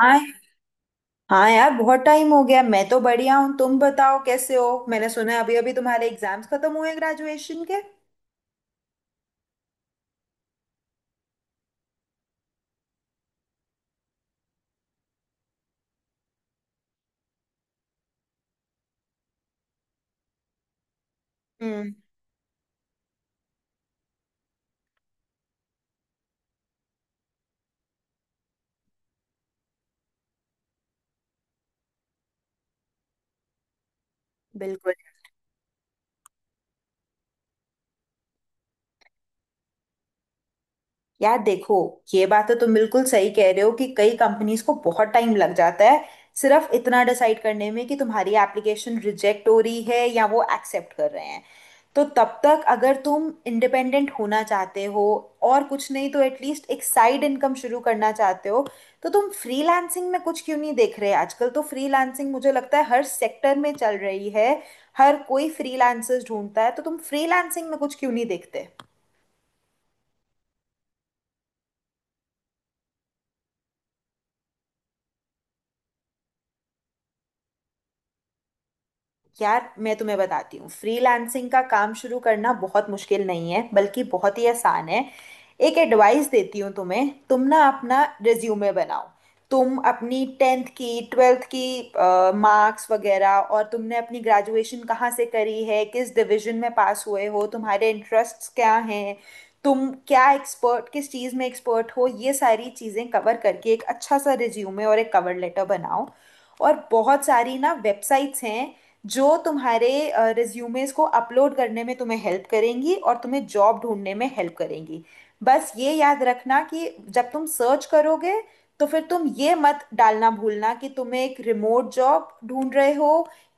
हाँ हाँ यार, बहुत टाइम हो गया। मैं तो बढ़िया हूँ, तुम बताओ कैसे हो। मैंने सुना है अभी अभी तुम्हारे एग्जाम्स खत्म हुए ग्रेजुएशन के। हम्म। बिल्कुल। यार देखो, ये बात तो तुम बिल्कुल सही कह रहे हो कि कई कंपनीज को बहुत टाइम लग जाता है सिर्फ इतना डिसाइड करने में कि तुम्हारी एप्लीकेशन रिजेक्ट हो रही है या वो एक्सेप्ट कर रहे हैं। तो तब तक अगर तुम इंडिपेंडेंट होना चाहते हो और कुछ नहीं तो एटलीस्ट एक साइड इनकम शुरू करना चाहते हो, तो तुम फ्रीलांसिंग में कुछ क्यों नहीं देख रहे। आजकल तो फ्रीलांसिंग मुझे लगता है हर सेक्टर में चल रही है। हर कोई फ्रीलांसर्स ढूंढता है, तो तुम फ्रीलांसिंग में कुछ क्यों नहीं देखते। यार मैं तुम्हें बताती हूँ, फ्रीलांसिंग का काम शुरू करना बहुत मुश्किल नहीं है, बल्कि बहुत ही आसान है। एक एडवाइस देती हूँ तुम्हें, तुम ना अपना रिज्यूमे बनाओ। तुम अपनी टेंथ की, ट्वेल्थ की मार्क्स वगैरह, और तुमने अपनी ग्रेजुएशन कहाँ से करी है, किस डिवीजन में पास हुए हो, तुम्हारे इंटरेस्ट्स क्या हैं, तुम क्या एक्सपर्ट, किस चीज़ में एक्सपर्ट हो, ये सारी चीज़ें कवर करके एक अच्छा सा रिज्यूमे और एक कवर लेटर बनाओ। और बहुत सारी ना वेबसाइट्स हैं जो तुम्हारे रिज्यूमेस को अपलोड करने में तुम्हें हेल्प करेंगी और तुम्हें जॉब ढूंढने में हेल्प करेंगी। बस ये याद रखना कि जब तुम सर्च करोगे तो फिर तुम ये मत डालना भूलना कि तुम्हें एक रिमोट जॉब ढूंढ रहे हो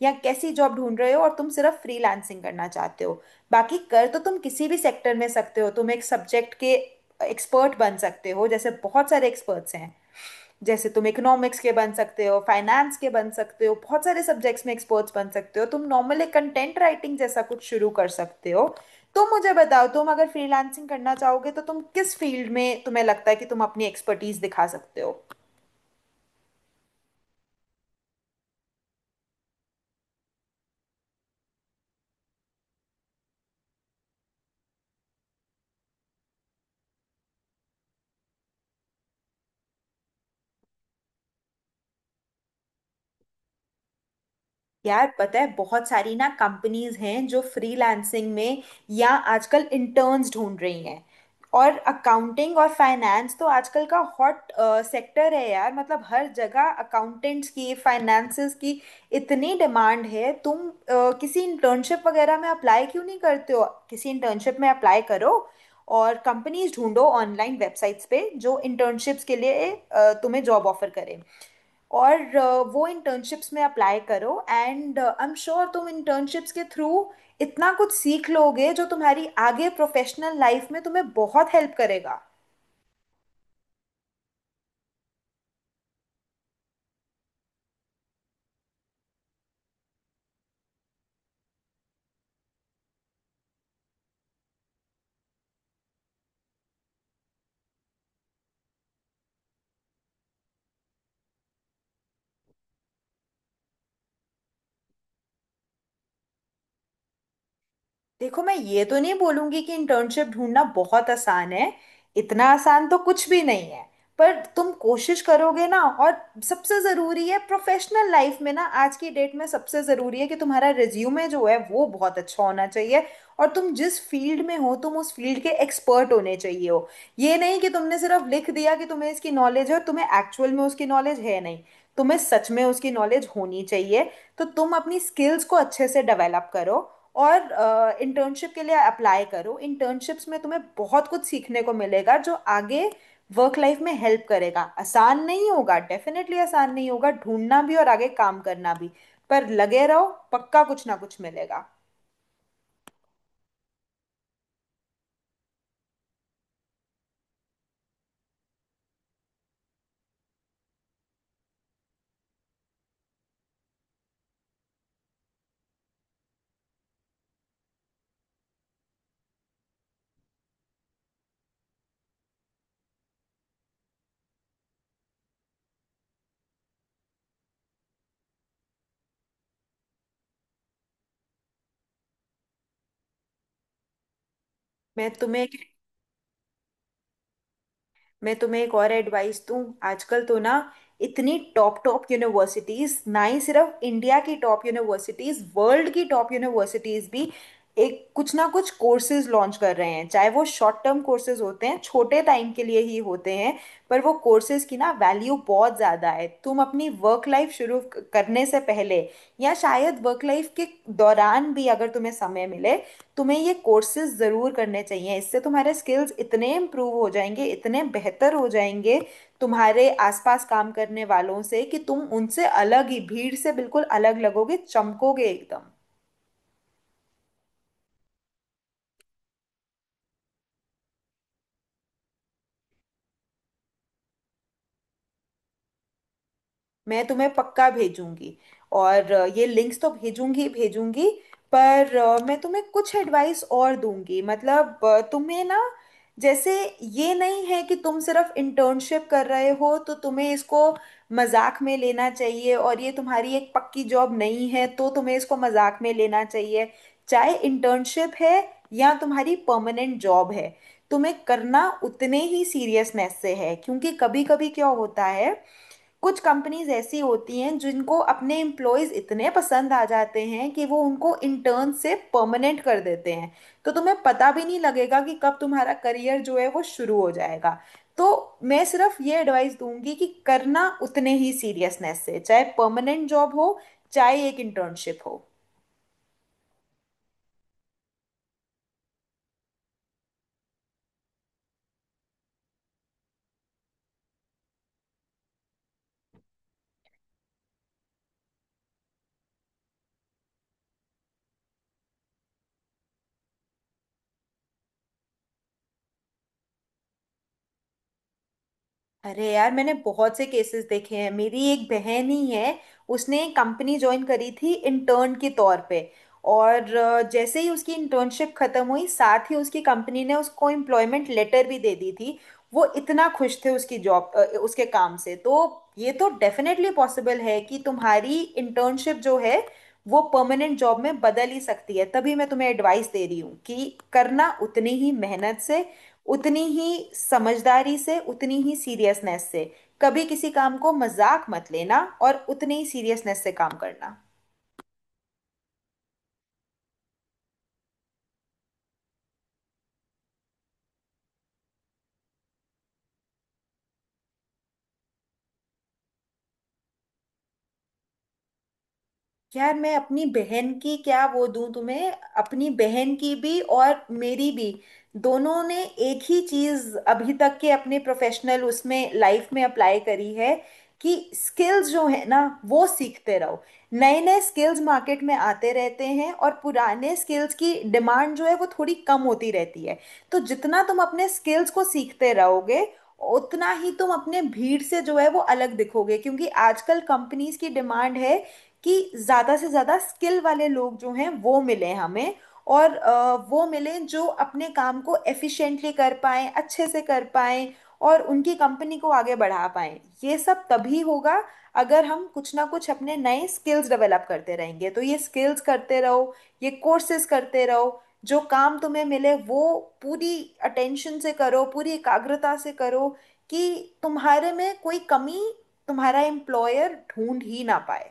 या कैसी जॉब ढूंढ रहे हो और तुम सिर्फ फ्रीलांसिंग करना चाहते हो। बाकी कर तो तुम किसी भी सेक्टर में सकते हो। तुम एक सब्जेक्ट के एक्सपर्ट बन सकते हो, जैसे बहुत सारे एक्सपर्ट्स हैं, जैसे तुम इकोनॉमिक्स के बन सकते हो, फाइनेंस के बन सकते हो, बहुत सारे सब्जेक्ट्स में एक्सपर्ट्स बन सकते हो। तुम नॉर्मली कंटेंट राइटिंग जैसा कुछ शुरू कर सकते हो। तो मुझे बताओ, तुम अगर फ्रीलांसिंग करना चाहोगे तो तुम किस फील्ड में तुम्हें लगता है कि तुम अपनी एक्सपर्टीज दिखा सकते हो। यार पता है, बहुत सारी ना कंपनीज हैं जो फ्रीलांसिंग में या आजकल इंटर्न्स ढूंढ रही हैं। और अकाउंटिंग और फाइनेंस तो आजकल का हॉट सेक्टर है यार। मतलब हर जगह अकाउंटेंट्स की, फाइनेंसेस की इतनी डिमांड है। तुम किसी इंटर्नशिप वगैरह में अप्लाई क्यों नहीं करते हो। किसी इंटर्नशिप में अप्लाई करो और कंपनीज ढूंढो ऑनलाइन वेबसाइट्स पे जो इंटर्नशिप्स के लिए तुम्हें जॉब ऑफर करें। और वो इंटर्नशिप्स में अप्लाई करो, एंड आई एम श्योर तुम इंटर्नशिप्स के थ्रू इतना कुछ सीख लोगे जो तुम्हारी आगे प्रोफेशनल लाइफ में तुम्हें बहुत हेल्प करेगा। देखो, मैं ये तो नहीं बोलूंगी कि इंटर्नशिप ढूंढना बहुत आसान है। इतना आसान तो कुछ भी नहीं है। पर तुम कोशिश करोगे ना। और सबसे ज़रूरी है प्रोफेशनल लाइफ में ना, आज की डेट में सबसे ज़रूरी है कि तुम्हारा रिज्यूमे जो है वो बहुत अच्छा होना चाहिए। और तुम जिस फील्ड में हो तुम उस फील्ड के एक्सपर्ट होने चाहिए हो। ये नहीं कि तुमने सिर्फ लिख दिया कि तुम्हें इसकी नॉलेज है और तुम्हें एक्चुअल में उसकी नॉलेज है नहीं। तुम्हें सच में उसकी नॉलेज होनी चाहिए। तो तुम अपनी स्किल्स को अच्छे से डेवलप करो और इंटर्नशिप के लिए अप्लाई करो। इंटर्नशिप्स में तुम्हें बहुत कुछ सीखने को मिलेगा जो आगे वर्क लाइफ में हेल्प करेगा। आसान नहीं होगा, डेफिनेटली आसान नहीं होगा ढूंढना भी और आगे काम करना भी, पर लगे रहो। पक्का कुछ ना कुछ मिलेगा। मैं तुम्हें मैं तुम्हें एक और एडवाइस दूं। आजकल तो ना इतनी टॉप टॉप यूनिवर्सिटीज, ना ही सिर्फ इंडिया की टॉप यूनिवर्सिटीज, वर्ल्ड की टॉप यूनिवर्सिटीज भी एक कुछ ना कुछ कोर्सेज लॉन्च कर रहे हैं। चाहे वो शॉर्ट टर्म कोर्सेज होते हैं, छोटे टाइम के लिए ही होते हैं, पर वो कोर्सेज की ना वैल्यू बहुत ज़्यादा है। तुम अपनी वर्क लाइफ शुरू करने से पहले या शायद वर्क लाइफ के दौरान भी अगर तुम्हें समय मिले, तुम्हें ये कोर्सेज ज़रूर करने चाहिए। इससे तुम्हारे स्किल्स इतने इम्प्रूव हो जाएंगे, इतने बेहतर हो जाएंगे तुम्हारे आसपास काम करने वालों से कि तुम उनसे अलग ही, भीड़ से बिल्कुल अलग लगोगे, चमकोगे एकदम। मैं तुम्हें पक्का भेजूंगी। और ये लिंक्स तो भेजूंगी ही भेजूंगी। पर मैं तुम्हें कुछ एडवाइस और दूंगी। मतलब तुम्हें ना, जैसे, ये नहीं है कि तुम सिर्फ इंटर्नशिप कर रहे हो तो तुम्हें इसको मजाक में लेना चाहिए, और ये तुम्हारी एक पक्की जॉब नहीं है तो तुम्हें इसको मजाक में लेना चाहिए। चाहे इंटर्नशिप है या तुम्हारी परमानेंट जॉब है, तुम्हें करना उतने ही सीरियसनेस से है। क्योंकि कभी कभी क्या होता है, कुछ कंपनीज ऐसी होती हैं जिनको अपने एम्प्लॉयज इतने पसंद आ जाते हैं कि वो उनको इंटर्न से परमानेंट कर देते हैं। तो तुम्हें पता भी नहीं लगेगा कि कब तुम्हारा करियर जो है वो शुरू हो जाएगा। तो मैं सिर्फ ये एडवाइस दूंगी कि करना उतने ही सीरियसनेस से, चाहे परमानेंट जॉब हो चाहे एक इंटर्नशिप हो। अरे यार, मैंने बहुत से केसेस देखे हैं। मेरी एक बहन ही है, उसने एक कंपनी ज्वाइन करी थी इंटर्न के तौर पे, और जैसे ही उसकी इंटर्नशिप खत्म हुई, साथ ही उसकी कंपनी ने उसको एम्प्लॉयमेंट लेटर भी दे दी थी। वो इतना खुश थे उसकी जॉब, उसके काम से। तो ये तो डेफिनेटली पॉसिबल है कि तुम्हारी इंटर्नशिप जो है वो परमानेंट जॉब में बदल ही सकती है। तभी मैं तुम्हें एडवाइस दे रही हूँ कि करना उतनी ही मेहनत से, उतनी ही समझदारी से, उतनी ही सीरियसनेस से। कभी किसी काम को मजाक मत लेना और उतनी ही सीरियसनेस से काम करना। यार, मैं अपनी बहन की क्या वो दूं तुम्हें, अपनी बहन की भी और मेरी भी, दोनों ने एक ही चीज अभी तक के अपने प्रोफेशनल उसमें लाइफ में अप्लाई करी है, कि स्किल्स जो है ना, वो सीखते रहो। नए नए स्किल्स मार्केट में आते रहते हैं और पुराने स्किल्स की डिमांड जो है वो थोड़ी कम होती रहती है। तो जितना तुम अपने स्किल्स को सीखते रहोगे, उतना ही तुम अपने, भीड़ से जो है वो अलग दिखोगे। क्योंकि आजकल कंपनीज की डिमांड है कि ज़्यादा से ज़्यादा स्किल वाले लोग जो हैं वो मिले हमें। और वो मिले जो अपने काम को एफिशिएंटली कर पाएं, अच्छे से कर पाएं और उनकी कंपनी को आगे बढ़ा पाएं। ये सब तभी होगा अगर हम कुछ ना कुछ अपने नए स्किल्स डेवलप करते रहेंगे। तो ये स्किल्स करते रहो, ये कोर्सेज करते रहो, जो काम तुम्हें मिले वो पूरी अटेंशन से करो, पूरी एकाग्रता से करो कि तुम्हारे में कोई कमी तुम्हारा एम्प्लॉयर ढूंढ ही ना पाए।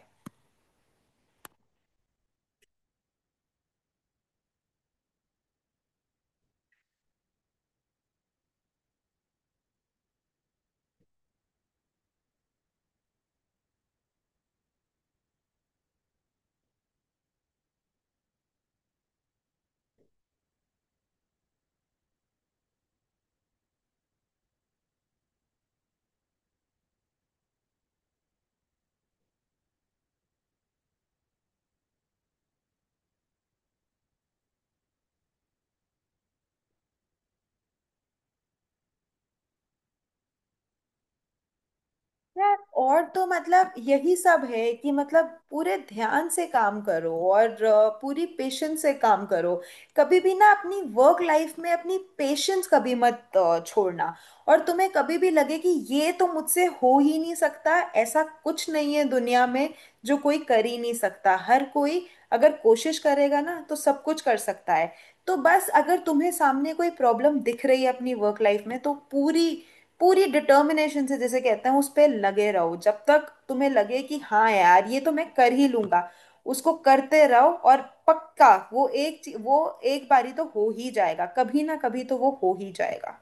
यार, और तो मतलब यही सब है कि, मतलब, पूरे ध्यान से काम करो और पूरी पेशेंस से काम करो। कभी भी ना अपनी वर्क लाइफ में अपनी पेशेंस कभी मत छोड़ना। और तुम्हें कभी भी लगे कि ये तो मुझसे हो ही नहीं सकता, ऐसा कुछ नहीं है दुनिया में जो कोई कर ही नहीं सकता। हर कोई अगर कोशिश करेगा ना तो सब कुछ कर सकता है। तो बस अगर तुम्हें सामने कोई प्रॉब्लम दिख रही है अपनी वर्क लाइफ में, तो पूरी पूरी डिटर्मिनेशन से, जैसे कहते हैं, उस पे लगे रहो जब तक तुम्हें लगे कि हाँ यार, ये तो मैं कर ही लूंगा। उसको करते रहो और पक्का वो वो एक बारी तो हो ही जाएगा, कभी ना कभी तो वो हो ही जाएगा।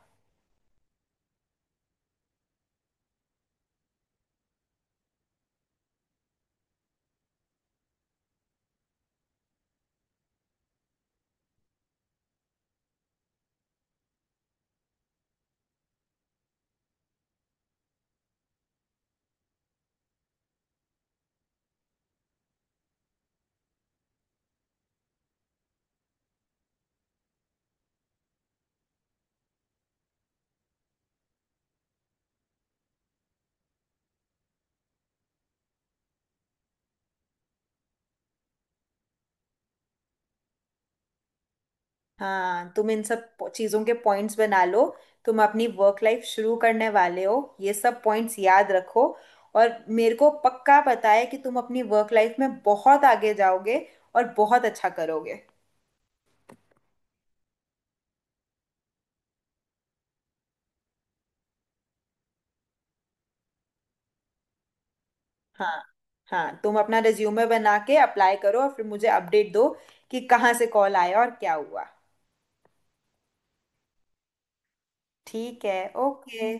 हाँ, तुम इन सब चीजों के पॉइंट्स बना लो। तुम अपनी वर्क लाइफ शुरू करने वाले हो, ये सब पॉइंट्स याद रखो। और मेरे को पक्का पता है कि तुम अपनी वर्क लाइफ में बहुत आगे जाओगे और बहुत अच्छा करोगे। हाँ। हाँ, तुम अपना रिज्यूमे बना के अप्लाई करो और फिर मुझे अपडेट दो कि कहाँ से कॉल आया और क्या हुआ। ठीक है, ओके।